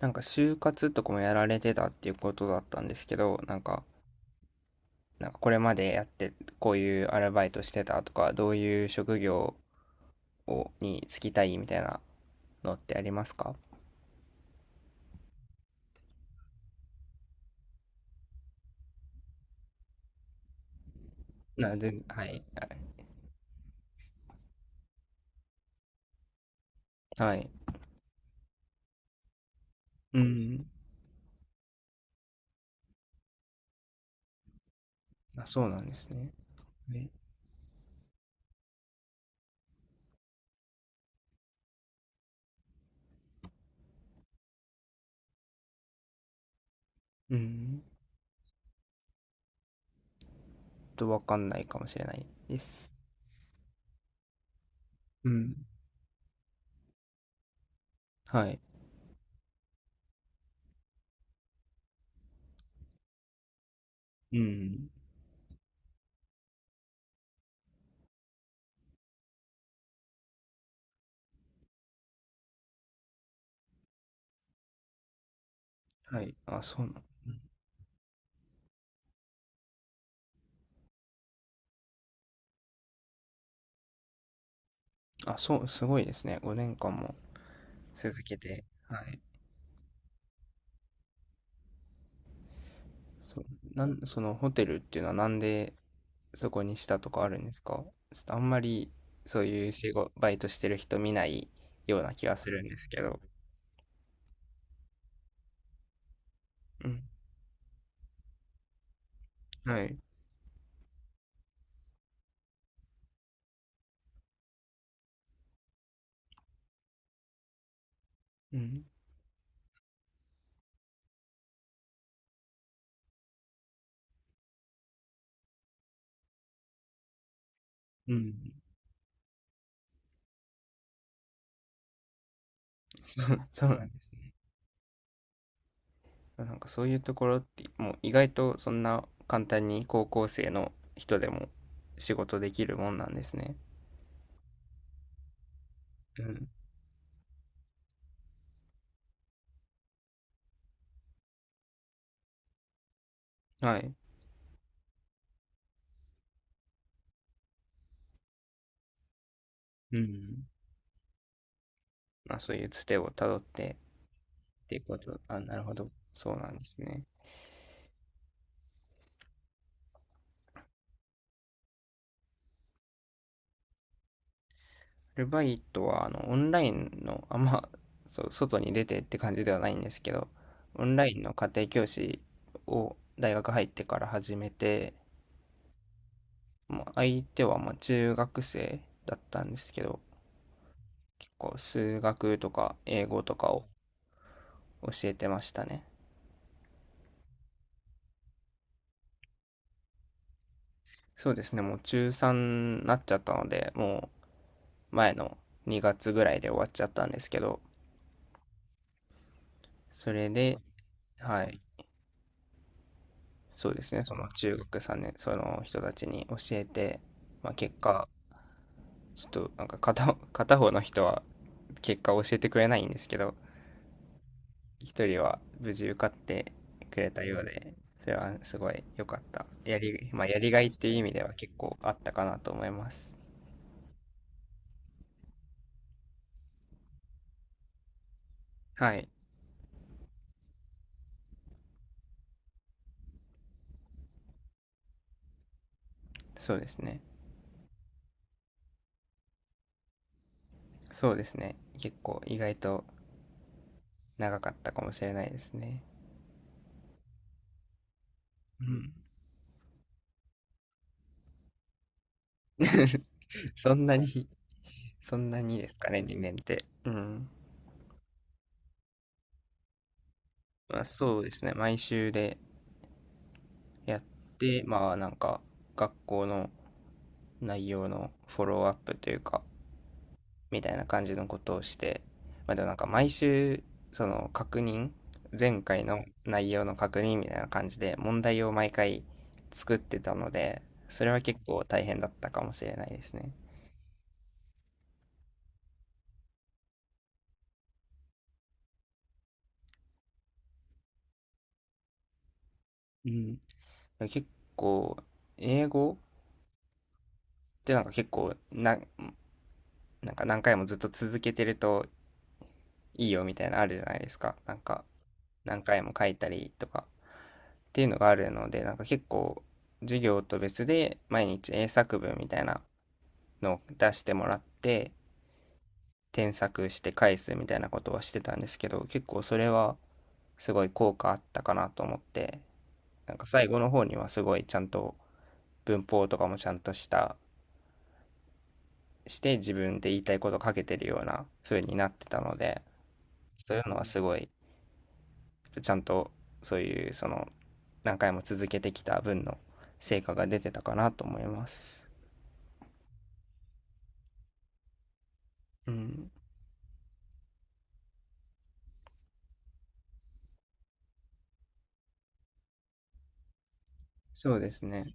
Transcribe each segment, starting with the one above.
なんか就活とかもやられてたっていうことだったんですけど、なんかこれまでやってこういうアルバイトしてたとか、どういう職業をに就きたいみたいなのってありますか？なんで、はい。はい。うん。あ、そうなんですね。はい。うん。ちょっとわかんないかもしれないです。うん。はい。うん。はい。あ、そうな、うん。あ、そう、すごいですね。5年間も続けて。はい。そ、なん、そのホテルっていうのはなんでそこにしたとかあるんですか？ちょっとあんまりそういう仕事、バイトしてる人見ないような気がするんですけど。うん。はい。うん。うん。そう、そうなんです。なんかそういうところって、もう意外とそんな簡単に高校生の人でも仕事できるもんなんですね。うん。はい。うん。まあそういうつてをたどってっていうこと。あ、なるほど。そうなんですね。ルバイトは、オンラインの、あんま、そう、外に出てって感じではないんですけど、オンラインの家庭教師を大学入ってから始めて、もう相手はまあ中学生だったんですけど、結構数学とか英語とかを教えてましたね。そうですね、もう中3になっちゃったので、もう前の2月ぐらいで終わっちゃったんですけど、それで、はい、そうですね、その中学さんねんその人たちに教えて、まあ、結果、ちょっとなんか片、片方の人は結果を教えてくれないんですけど、一人は無事受かってくれたようで、それはすごい良かった。まあ、やりがいっていう意味では結構あったかなと思います。はい、そうですね。そうですね。結構意外と長かったかもしれないですね。うん。そんなに、そんなにですかね、2年って。うん。まあ、そうですね。毎週でやって、まあなんか学校の内容のフォローアップというか、みたいな感じのことをして、まあでもなんか毎週、その確認、前回の内容の確認みたいな感じで問題を毎回作ってたので、それは結構大変だったかもしれないですね。うん。結構、英語ってなんか結構な、なんか何回もずっと続けてるといいよみたいなのあるじゃないですか。なんか、何回も書いたりとか、っていうのがあるので、なんか結構、授業と別で毎日英作文みたいなのを出してもらって、添削して返すみたいなことはしてたんですけど、結構それはすごい効果あったかなと思って、なんか最後の方にはすごいちゃんと文法とかもちゃんとした、して自分で言いたいことを書けてるような風になってたので、そういうのはすごいちゃんとそういうその何回も続けてきた分の成果が出てたかなと思います。うん、そうですね。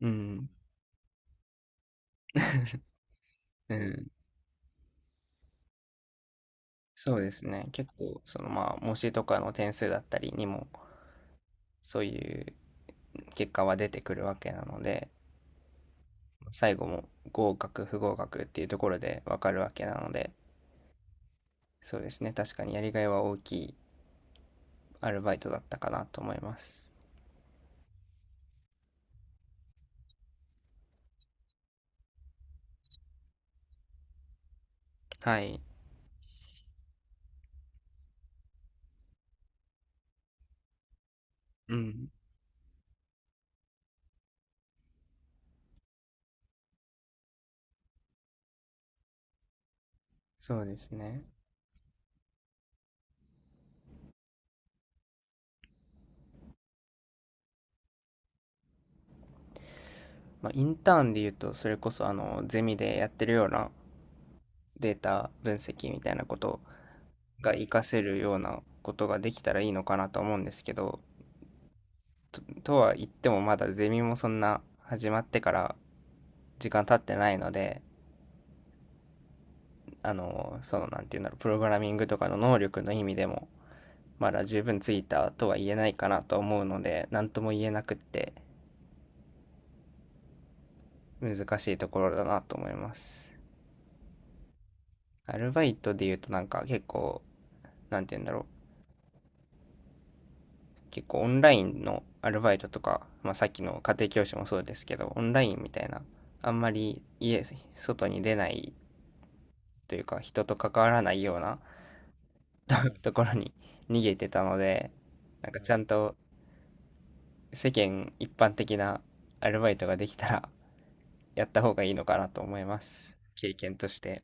うん、うん、そうですね。結構そのまあ模試とかの点数だったりにもそういう結果は出てくるわけなので、最後も合格不合格っていうところでわかるわけなので、そうですね。確かにやりがいは大きいアルバイトだったかなと思います。はい。うん。そうですね。まあ、インターンで言うと、それこそあのゼミでやってるようなデータ分析みたいなことが活かせるようなことができたらいいのかなと思うんですけど、とは言ってもまだゼミもそんな始まってから時間経ってないので、なんていうんだろう、プログラミングとかの能力の意味でも、まだ十分ついたとは言えないかなと思うので、何とも言えなくって難しいところだなと思います。アルバイトで言うとなんか結構、なんて言うんだろう、結構オンラインのアルバイトとか、まあ、さっきの家庭教師もそうですけどオンラインみたいなあんまり家外に出ないというか人と関わらないようなところに逃げてたので、なんかちゃんと世間一般的なアルバイトができたらやった方がいいのかなと思います、経験として。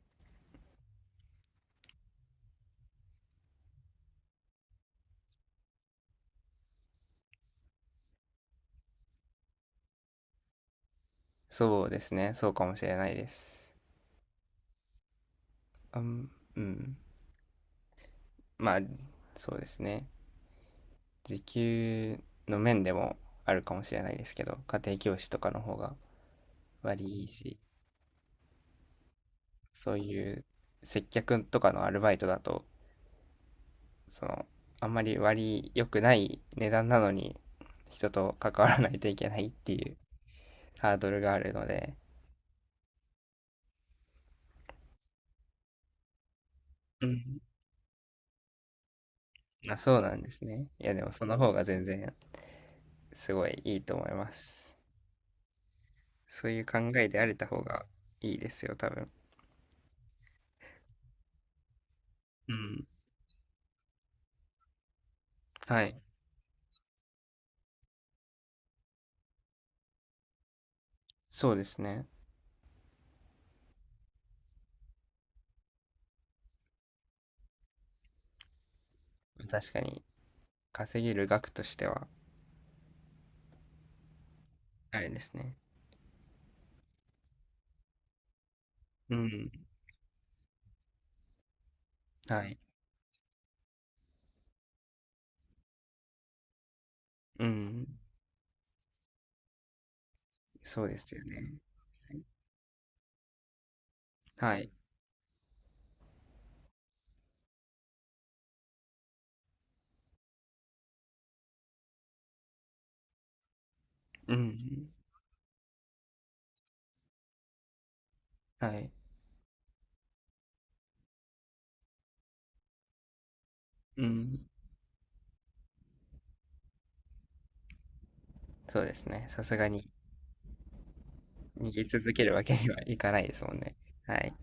そうですね、そうかもしれないです。うん、うん、まあそうですね、時給の面でもあるかもしれないですけど、家庭教師とかの方が割りいいし、そういう接客とかのアルバイトだと、その、あんまり割り良くない値段なのに、人と関わらないといけないっていうハードルがあるので。うん。あ、そうなんですね。いや、でもその方が全然すごいいいと思います。そういう考えであれた方がいいですよ、多分。うん。はい。そうですね。確かに、稼げる額としては、あれですね。うん。はい。うん。そうですよね。はい。うん。はい。うん。そうですね。さすがに逃げ続けるわけにはいかないですもんね。はい。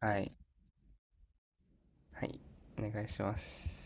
はい。はい。お願いします。